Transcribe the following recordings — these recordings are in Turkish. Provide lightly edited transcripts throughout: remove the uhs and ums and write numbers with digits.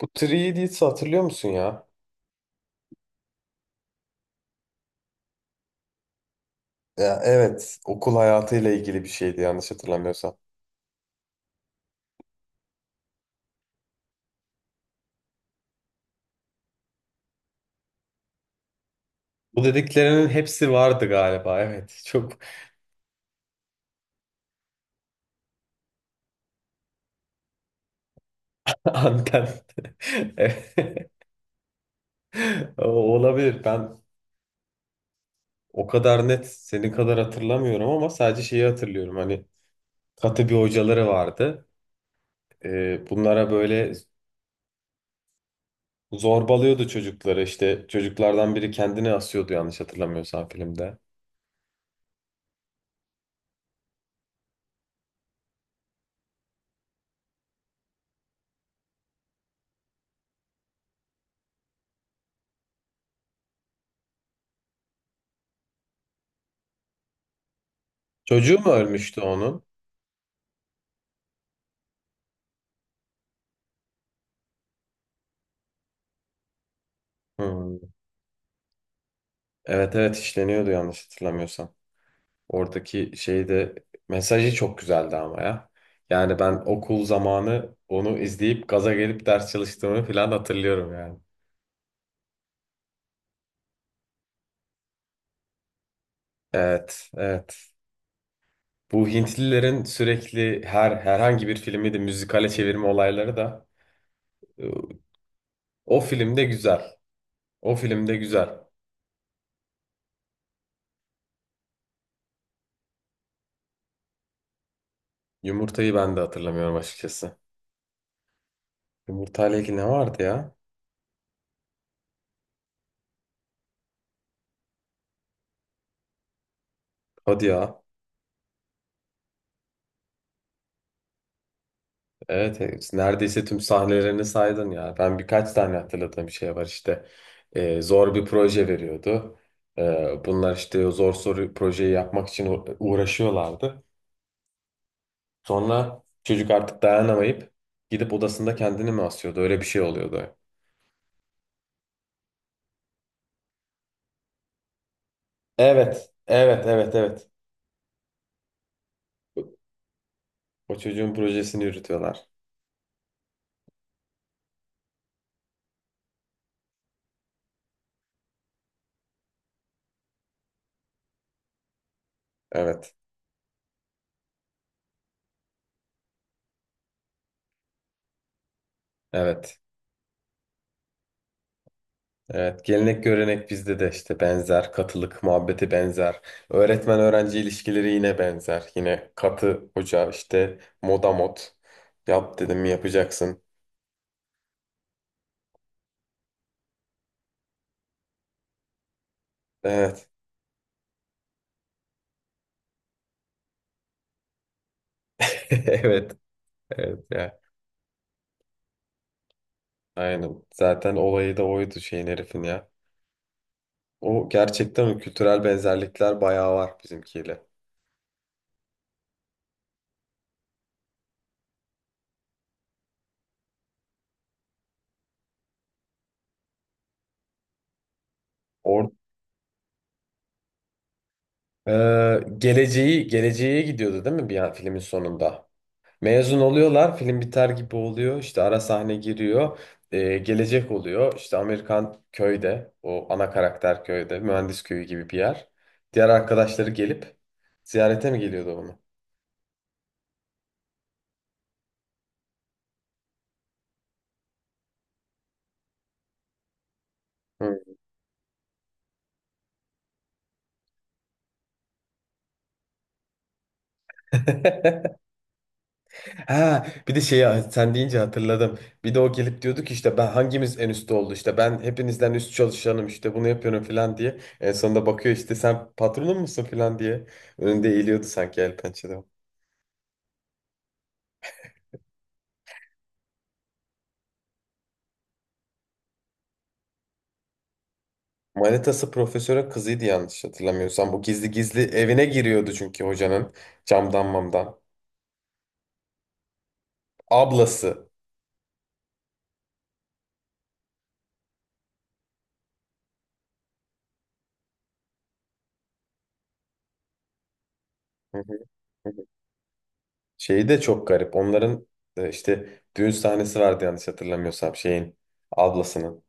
Bu 3 Idiots'ı hatırlıyor musun ya? Ya evet, okul hayatıyla ilgili bir şeydi yanlış hatırlamıyorsam. Bu dediklerinin hepsi vardı galiba. Evet. Çok anten. Evet. Olabilir. Ben o kadar net senin kadar hatırlamıyorum ama sadece şeyi hatırlıyorum. Hani katı bir hocaları vardı. Bunlara böyle zorbalıyordu çocukları. İşte çocuklardan biri kendini asıyordu yanlış hatırlamıyorsam filmde. Çocuğu mu ölmüştü onun? Hmm. Evet, evet, işleniyordu yanlış hatırlamıyorsam. Oradaki şeyde mesajı çok güzeldi ama ya. Yani ben okul zamanı onu izleyip gaza gelip ders çalıştığımı falan hatırlıyorum yani. Evet, evet. Bu Hintlilerin sürekli herhangi bir filmi de müzikale çevirme olayları da e, o filmde güzel. O filmde güzel. Yumurtayı ben de hatırlamıyorum açıkçası. Yumurtayla ilgili ne vardı ya? Hadi ya. Evet, evet, neredeyse tüm sahnelerini saydın ya. Ben birkaç tane hatırladığım şey var işte. Zor bir proje veriyordu. Bunlar işte o zor soru projeyi yapmak için uğraşıyorlardı. Sonra çocuk artık dayanamayıp gidip odasında kendini mi asıyordu? Öyle bir şey oluyordu. Evet, evet, evet, evet. O çocuğun projesini yürütüyorlar. Evet, evet. Evet, gelenek görenek bizde de işte benzer, katılık muhabbeti benzer, öğretmen öğrenci ilişkileri yine benzer. Yine katı hoca işte moda mod. Yap dedim mi yapacaksın. Evet. Evet. Evet ya. Aynen. Zaten olayı da oydu şeyin herifin ya. O gerçekten o kültürel benzerlikler bayağı var bizimkiyle. Or Geleceği geleceğe gidiyordu değil mi bir an filmin sonunda? Mezun oluyorlar, film biter gibi oluyor. İşte ara sahne giriyor. Gelecek oluyor. İşte Amerikan köyde, o ana karakter köyde, mühendis köyü gibi bir yer. Diğer arkadaşları gelip ziyarete mi geliyordu onu? Hı. Ha, bir de şeyi sen deyince hatırladım. Bir de o gelip diyordu ki işte ben hangimiz en üstte oldu işte ben hepinizden üst çalışanım işte bunu yapıyorum falan diye. En sonunda bakıyor işte sen patronun musun falan diye. Önünde eğiliyordu sanki el pençede. Manitası profesöre kızıydı yanlış hatırlamıyorsam. Bu gizli gizli evine giriyordu çünkü hocanın camdan mamdan. Ablası. Hı hı, hı hı. Şeyi de çok garip. Onların işte düğün sahnesi vardı yanlış hatırlamıyorsam şeyin ablasının.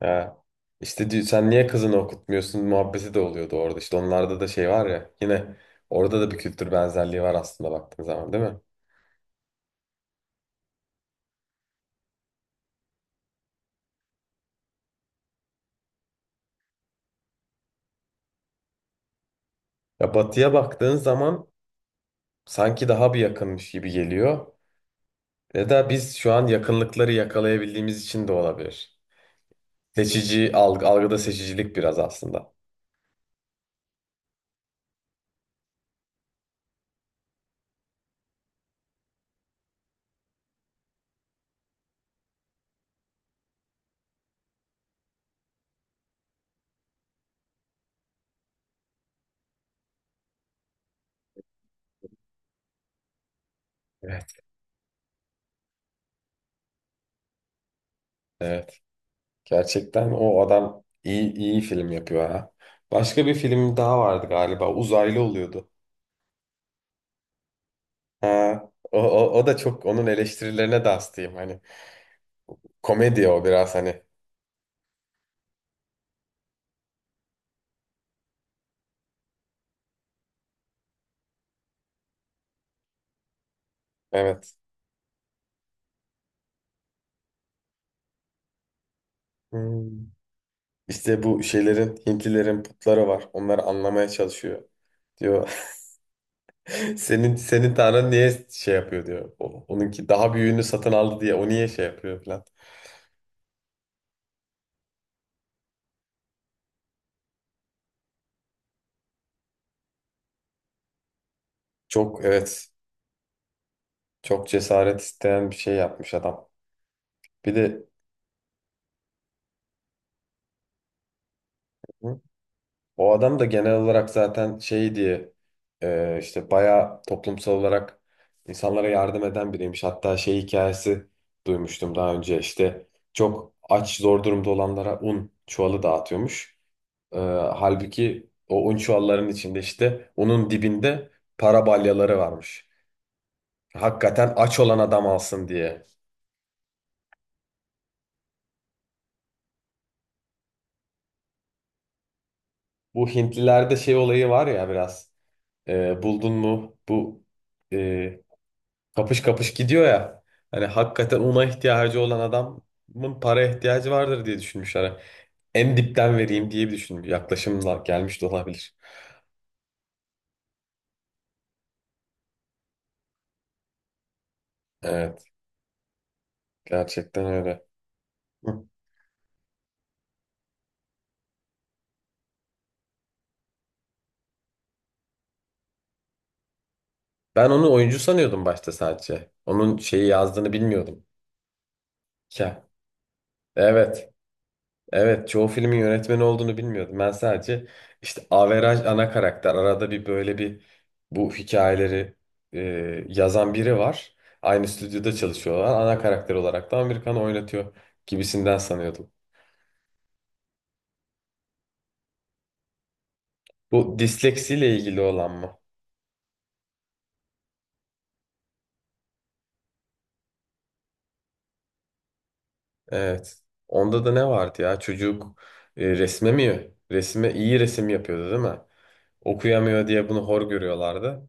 Ha. İşte diyor, sen niye kızını okutmuyorsun muhabbeti de oluyordu orada. İşte onlarda da şey var ya yine orada da bir kültür benzerliği var aslında baktığın zaman değil mi? Ya batıya baktığın zaman sanki daha bir yakınmış gibi geliyor. Ya da biz şu an yakınlıkları yakalayabildiğimiz için de olabilir. Seçici algı, algıda seçicilik biraz aslında. Evet. Evet. Gerçekten o adam iyi iyi film yapıyor ha. Başka bir film daha vardı galiba. Uzaylı oluyordu. Ha, o da çok onun eleştirilerine de hastayım. Hani komedi o biraz hani. Evet. Hmm. İşte bu şeylerin, Hintlilerin putları var. Onları anlamaya çalışıyor. Diyor senin tanrın niye şey yapıyor diyor. Onunki daha büyüğünü satın aldı diye o niye şey yapıyor falan. Çok evet, çok cesaret isteyen bir şey yapmış adam. Bir de o adam da genel olarak zaten şey diye işte bayağı toplumsal olarak insanlara yardım eden biriymiş. Hatta şey hikayesi duymuştum daha önce işte çok aç zor durumda olanlara un çuvalı dağıtıyormuş. E, Halbuki o un çuvallarının içinde işte unun dibinde para balyaları varmış. Hakikaten aç olan adam alsın diye. Bu Hintlilerde şey olayı var ya biraz. Buldun mu bu e, kapış kapış gidiyor ya. Hani hakikaten ona ihtiyacı olan adamın paraya ihtiyacı vardır diye düşünmüşler. Hani en dipten vereyim diye bir düşün yaklaşımla gelmiş de olabilir. Evet, gerçekten öyle. Hı. Ben onu oyuncu sanıyordum başta sadece. Onun şeyi yazdığını bilmiyordum. Ya, evet. Evet, çoğu filmin yönetmeni olduğunu bilmiyordum. Ben sadece işte averaj ana karakter. Arada bir böyle bir bu hikayeleri e, yazan biri var. Aynı stüdyoda çalışıyorlar. Ana karakter olarak da Amerikan oynatıyor gibisinden sanıyordum. Bu disleksiyle ilgili olan mı? Evet. Onda da ne vardı ya? Çocuk resme mi? Resme iyi resim yapıyordu değil mi? Okuyamıyor diye bunu hor görüyorlardı.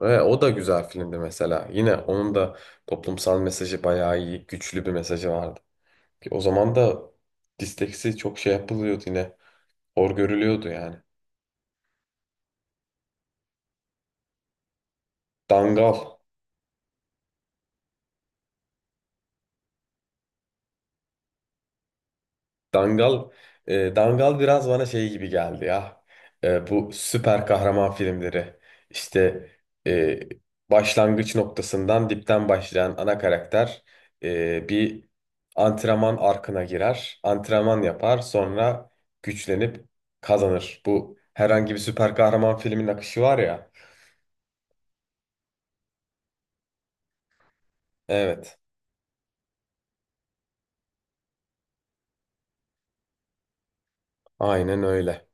Ve o da güzel filmdi mesela. Yine onun da toplumsal mesajı bayağı iyi, güçlü bir mesajı vardı. Ki o zaman da disteksi çok şey yapılıyordu yine. Hor görülüyordu yani. Dangal. Dangal, Dangal biraz bana şey gibi geldi ya. E, bu süper kahraman filmleri. İşte e, başlangıç noktasından dipten başlayan ana karakter bir antrenman arkına girer, antrenman yapar, sonra güçlenip kazanır. Bu herhangi bir süper kahraman filmin akışı var ya. Evet, aynen öyle.